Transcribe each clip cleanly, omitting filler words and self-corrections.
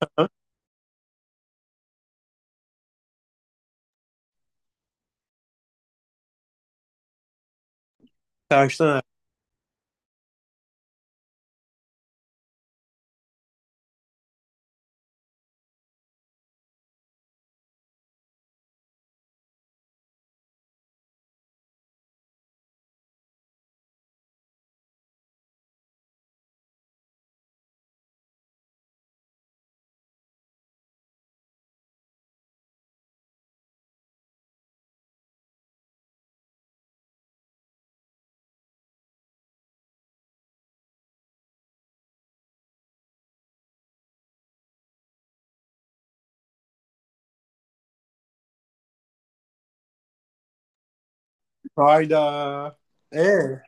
Ha? Tersten Hayda. E.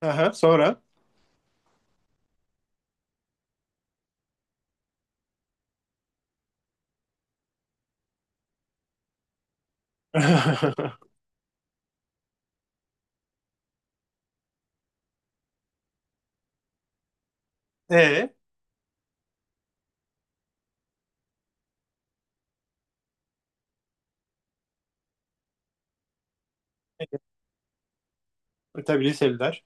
Aha, sonra. E. Tabii liseliler.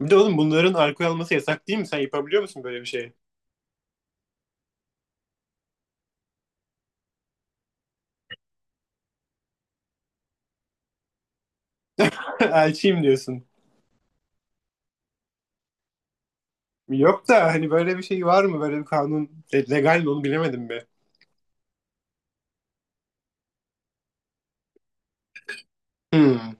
Bir de oğlum bunların alkol alması yasak değil mi? Sen yapabiliyor musun böyle bir şeyi? Elçiyim diyorsun. Yok da hani böyle bir şey var mı? Böyle bir kanun legal mi onu bilemedim be. Hmm.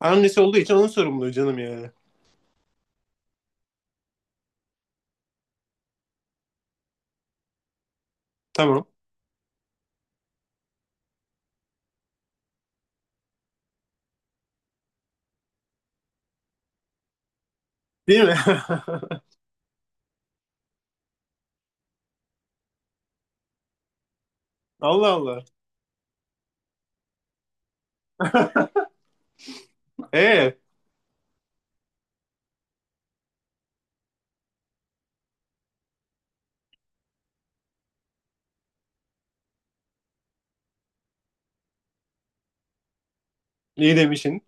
Annesi olduğu için onun sorumluluğu canım yani. Tamam. Değil mi? Allah Allah. Ee, iyi demişsin.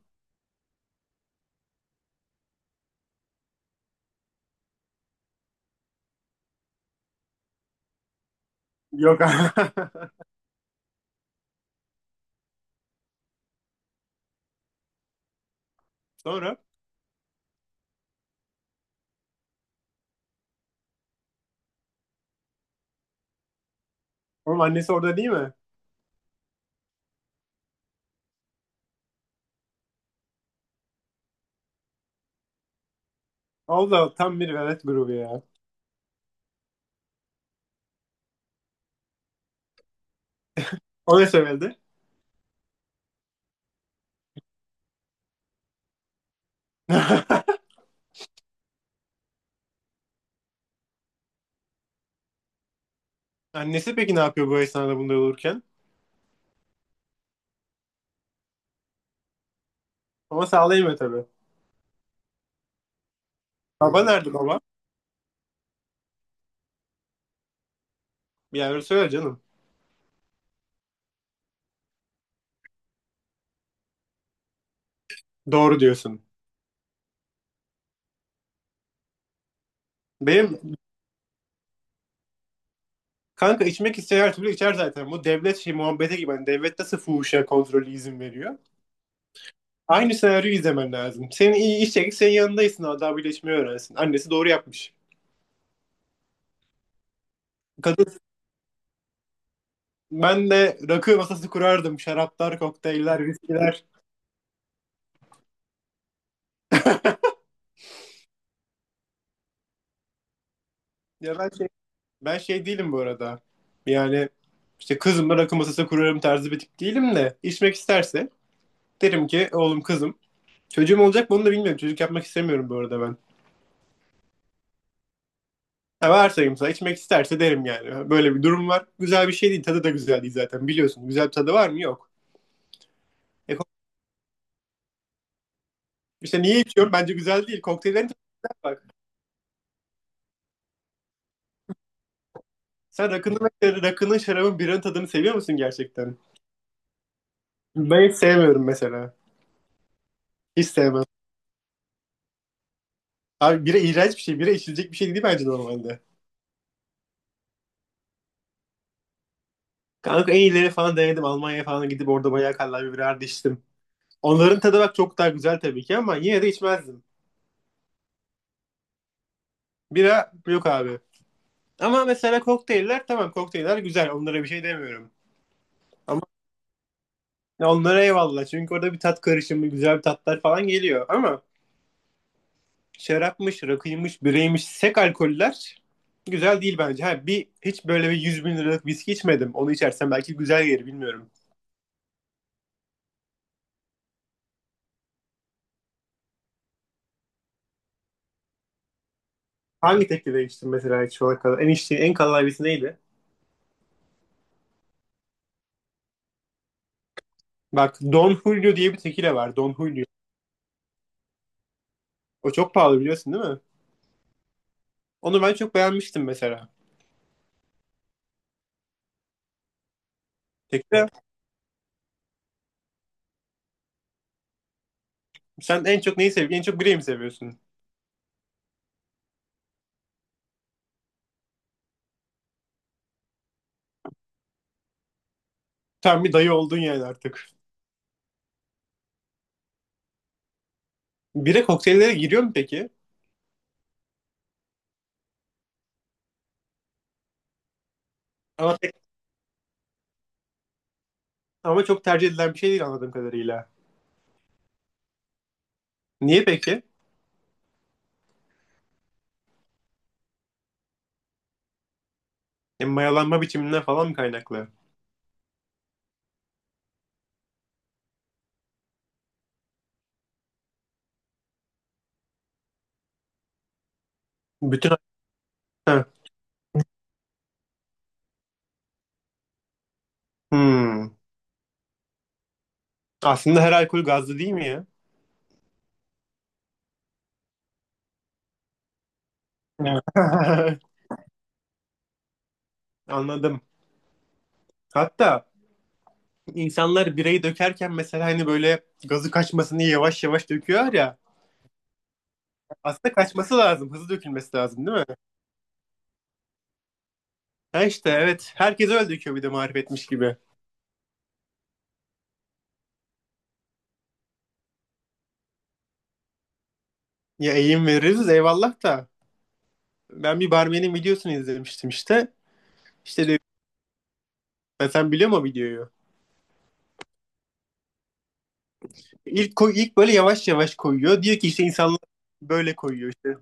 Yok. Sonra? Oğlum annesi orada değil mi? Allah tam bir velet grubu ya. O ne söyledi? Annesi peki ne yapıyor bu esnada bunda olurken? Ama sağlayamıyor tabii. Baba nerede baba? Yani öyle söyle canım. Doğru diyorsun. Benim kanka içmek isteyen her türlü içer zaten. Bu devlet şey muhabbeti gibi. Hani devlet nasıl fuhuşa kontrolü izin veriyor? Aynı senaryoyu izlemen lazım. Senin iyi içecek senin yanındaysın daha bile içmeyi öğrensin. Annesi doğru yapmış. Kadın ben de rakı masası kurardım. Şaraplar, kokteyller, viskiler. Ya ben şey. Ben şey değilim bu arada. Yani işte kızımla rakı masası kurarım tarzı bir tip değilim de içmek isterse derim ki oğlum kızım çocuğum olacak mı onu da bilmiyorum. Çocuk yapmak istemiyorum bu arada ben. Ha varsayım sana içmek isterse derim yani. Böyle bir durum var. Güzel bir şey değil. Tadı da güzel değil zaten biliyorsun. Güzel bir tadı var mı? Yok. E, ko- işte niye içiyorum? Bence güzel değil. Kokteyllerin tadı güzel bak. Sen rakının, şarabın, biranın tadını seviyor musun gerçekten? Ben hiç sevmiyorum mesela. Hiç sevmem. Abi bira iğrenç bir şey. Bira içilecek bir şey değil bence normalde. Kanka en iyileri falan denedim. Almanya'ya falan gidip orada bayağı kallavi birer de içtim. Onların tadı bak çok daha güzel tabii ki ama yine de içmezdim. Bira yok abi. Ama mesela kokteyller tamam kokteyller güzel. Onlara bir şey demiyorum. Ama ya onlara eyvallah. Çünkü orada bir tat karışımı, güzel bir tatlar falan geliyor. Ama şarapmış, rakıymış, bireymiş, sek alkoller güzel değil bence. Ha, bir hiç böyle bir 100 bin liralık viski içmedim. Onu içersem belki güzel gelir bilmiyorum. Hangi teklife içtin mesela hiç şu ana kadar? En içtiğin en kallavi neydi? Bak Don Julio diye bir tekile var. Don Julio. O çok pahalı biliyorsun değil mi? Onu ben çok beğenmiştim mesela. Tekile sen en çok neyi seviyorsun? En çok bireyi mi seviyorsun? Tam bir dayı oldun yani artık. Bire kokteyllere giriyor mu peki? Ama, pek- ama çok tercih edilen bir şey değil anladığım kadarıyla. Niye peki? E, mayalanma biçiminden falan mı kaynaklı? Bütün... Ha, hmm. Aslında her alkol gazlı değil mi ya? Anladım. Hatta insanlar bireyi dökerken mesela hani böyle gazı kaçmasın diye yavaş yavaş döküyor ya. Aslında kaçması lazım. Hızlı dökülmesi lazım değil mi? Ha işte evet. Herkes öyle döküyor bir de marifetmiş gibi. Ya eğim veririz eyvallah da. Ben bir barmenin videosunu izlemiştim işte. İşte diyor, "Ben sen biliyor musun videoyu? İlk böyle yavaş yavaş koyuyor. Diyor ki işte insanlar böyle koyuyor işte.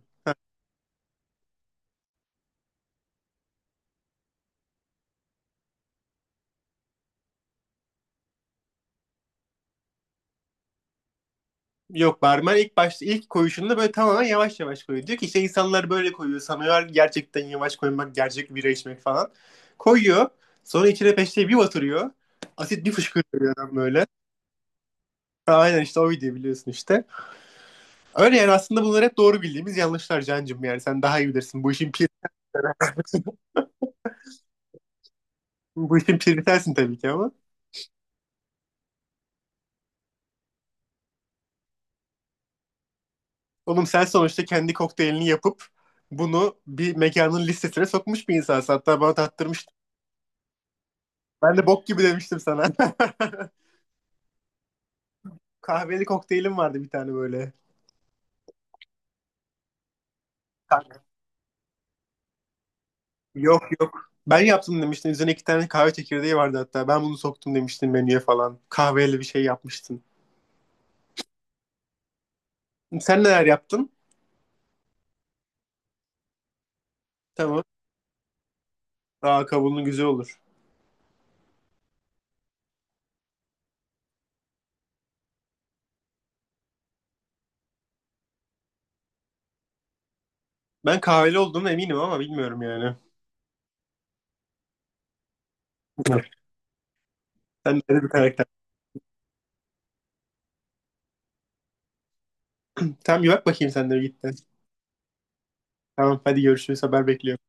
Yok barmen ilk başta ilk koyuşunda böyle tamamen yavaş yavaş koyuyor. Diyor ki işte insanlar böyle koyuyor. Sanıyorlar ki gerçekten yavaş koymak, gerçek bira içmek falan. Koyuyor. Sonra içine peşte bir batırıyor. Asit bir fışkırıyor adam böyle. Aynen işte o video biliyorsun işte. Öyle yani aslında bunlar hep doğru bildiğimiz yanlışlar Can'cığım yani sen daha iyi bilirsin. Bu işin piri sensin tabii ki ama. Oğlum sen sonuçta kendi kokteylini yapıp bunu bir mekanın listesine sokmuş bir insansın. Hatta bana tattırmıştın. Ben de bok gibi demiştim sana. Kahveli kokteylim vardı bir tane böyle. Kanka. Yok yok. Ben yaptım demiştin. Üzerine iki tane kahve çekirdeği vardı hatta. Ben bunu soktum demiştin menüye falan. Kahveli bir şey yapmıştın. Sen neler yaptın? Tamam. Aa kabuğunun güzel olur. Ben kahveli olduğuna eminim ama bilmiyorum yani. Sen de bir karakter. Tamam bir bak bakayım sen de bir. Tamam hadi görüşürüz haber bekliyorum.